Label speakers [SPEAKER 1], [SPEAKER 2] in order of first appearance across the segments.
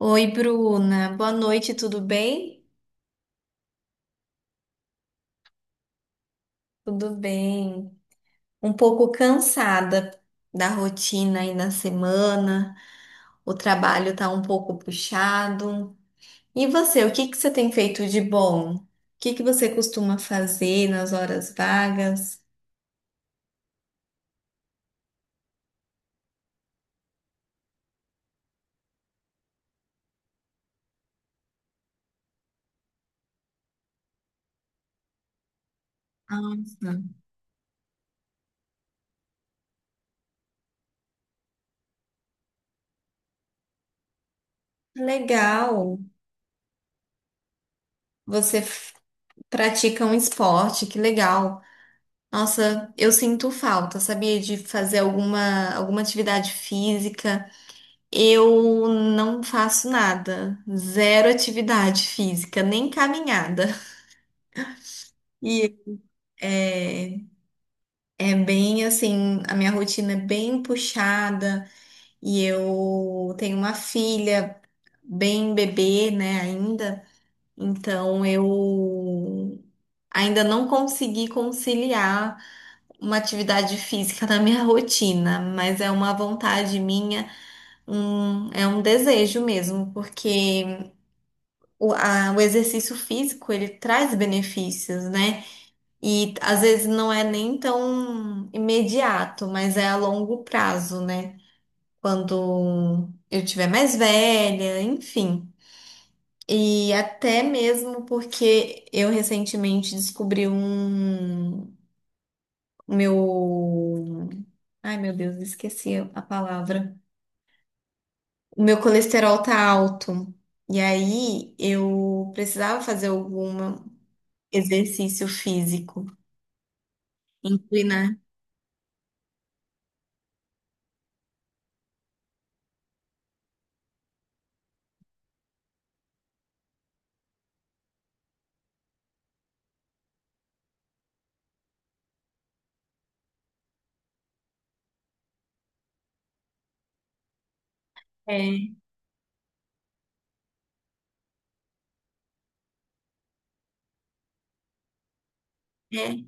[SPEAKER 1] Oi, Bruna. Boa noite, tudo bem? Tudo bem. Um pouco cansada da rotina aí na semana. O trabalho tá um pouco puxado. E você, o que que você tem feito de bom? O que que você costuma fazer nas horas vagas? Nossa, legal. Você f- Pratica um esporte, que legal. Nossa, eu sinto falta, sabia, de fazer alguma atividade física. Eu não faço nada, zero atividade física, nem caminhada. E é, é bem assim, a minha rotina é bem puxada e eu tenho uma filha bem bebê, né, ainda. Então eu ainda não consegui conciliar uma atividade física na minha rotina, mas é uma vontade minha, é um desejo mesmo, porque o exercício físico, ele traz benefícios, né? E às vezes não é nem tão imediato, mas é a longo prazo, né? Quando eu tiver mais velha, enfim. E até mesmo porque eu recentemente descobri um meu. Ai, meu Deus, esqueci a palavra. O meu colesterol tá alto. E aí eu precisava fazer algum exercício físico. Inclina, é, é,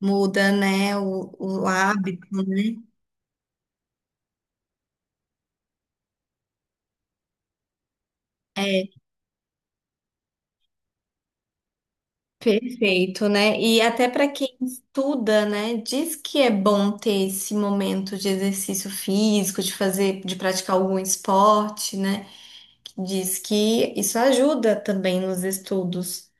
[SPEAKER 1] muda, né, o hábito, né? É, perfeito, né? E até para quem estuda, né, diz que é bom ter esse momento de exercício físico, de fazer, de praticar algum esporte, né? Diz que isso ajuda também nos estudos.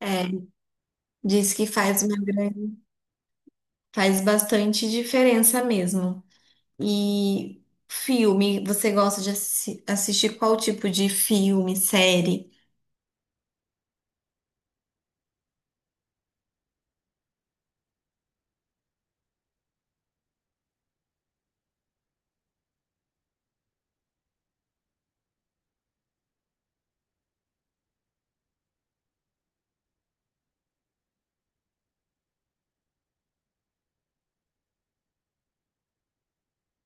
[SPEAKER 1] É, diz que faz uma grande, faz bastante diferença mesmo. E filme, você gosta de assistir qual tipo de filme, série?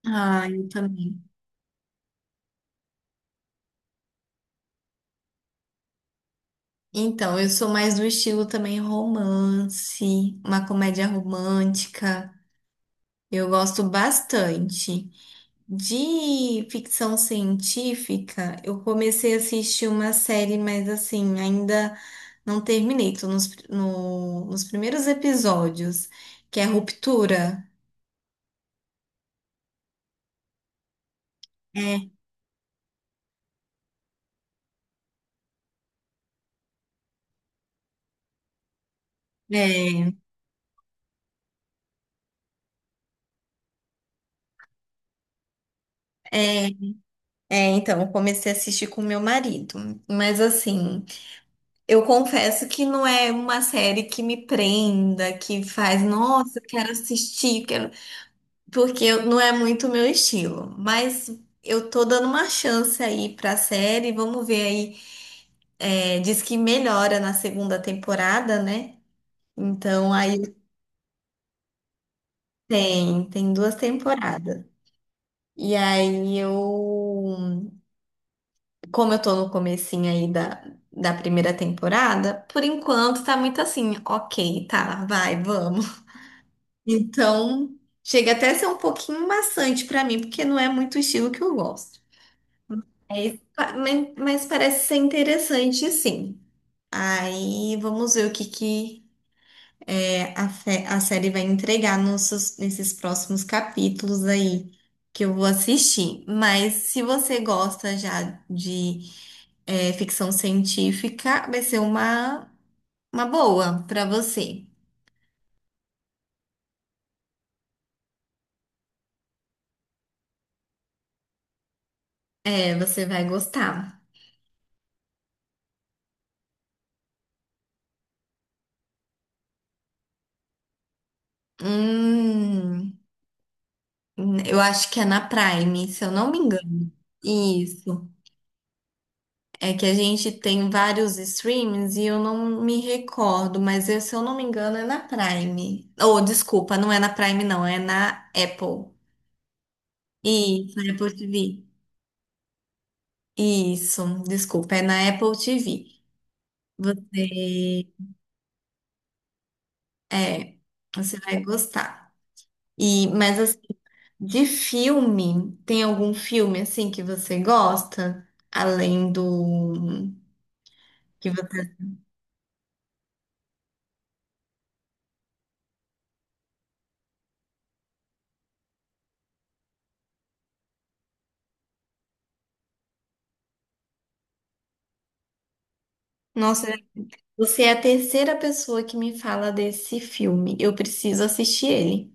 [SPEAKER 1] Ah, eu também. Então, eu sou mais do estilo também romance, uma comédia romântica. Eu gosto bastante. De ficção científica, eu comecei a assistir uma série, mas assim, ainda não terminei. Tô nos, no- nos primeiros episódios, que é Ruptura. É, é, é, então, eu comecei a assistir com meu marido. Mas assim. Eu confesso que não é uma série que me prenda, que faz, nossa, eu quero assistir, quero... porque não é muito o meu estilo. Mas eu tô dando uma chance aí pra série, vamos ver aí. É, diz que melhora na segunda temporada, né? Então aí tem duas temporadas. E aí eu, como eu tô no comecinho aí da primeira temporada, por enquanto tá muito assim, ok, tá, vai, vamos. Então, chega até a ser um pouquinho maçante pra mim, porque não é muito o estilo que eu gosto. Aí, mas parece ser interessante, sim. Aí, vamos ver o que a série vai entregar nesses próximos capítulos aí que eu vou assistir. Mas se você gosta já de ficção científica, vai ser uma boa pra você. É, você vai gostar. Hum. Eu acho que é na Prime, se eu não me engano. Isso. É que a gente tem vários streams e eu não me recordo, mas se eu não me engano é na Prime. Oh, desculpa, não é na Prime, não, é na Apple. Isso, na Apple TV. Isso, desculpa, é na Apple TV. Você, é, você vai gostar. E, mas assim, de filme, tem algum filme assim que você gosta? Além do que você. Nossa, você é a terceira pessoa que me fala desse filme. Eu preciso assistir ele.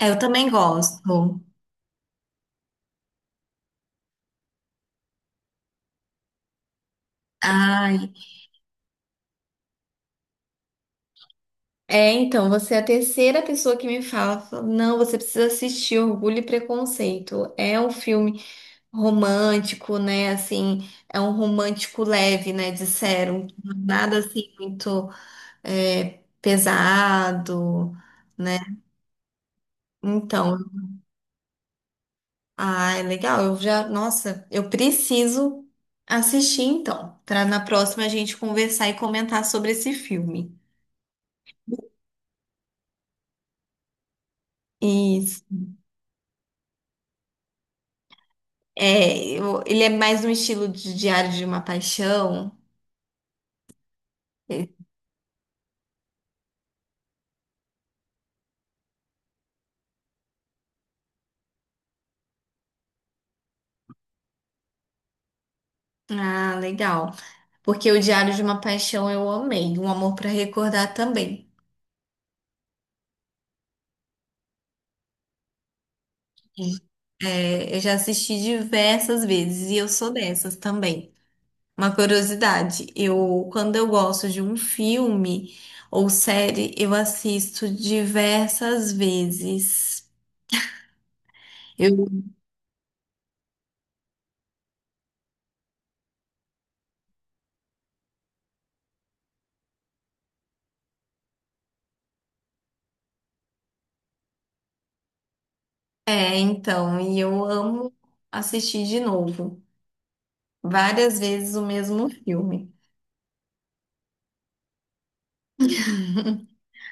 [SPEAKER 1] É, eu também gosto. Ai, é, então, você é a terceira pessoa que me não, você precisa assistir Orgulho e Preconceito. É um filme romântico, né? Assim, é um romântico leve, né? Disseram, nada assim muito pesado, né? Então, ah, é legal. Eu já, nossa, eu preciso assistir então, para na próxima a gente conversar e comentar sobre esse filme. Isso. É, ele é mais um estilo de Diário de uma Paixão. É. Ah, legal. Porque o Diário de uma Paixão eu amei, Um Amor para Recordar também. É, eu já assisti diversas vezes e eu sou dessas também. Uma curiosidade, eu quando eu gosto de um filme ou série, eu assisto diversas vezes. Eu então, e eu amo assistir de novo, várias vezes o mesmo filme.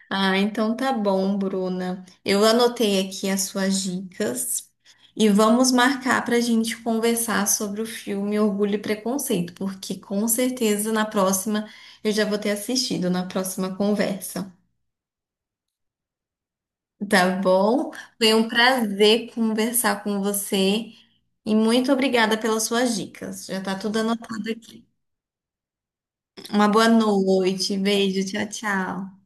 [SPEAKER 1] Ah, então tá bom, Bruna. Eu anotei aqui as suas dicas e vamos marcar para a gente conversar sobre o filme Orgulho e Preconceito, porque com certeza na próxima eu já vou ter assistido na próxima conversa. Tá bom? Foi um prazer conversar com você e muito obrigada pelas suas dicas. Já tá tudo anotado aqui. Uma boa noite, beijo, tchau, tchau.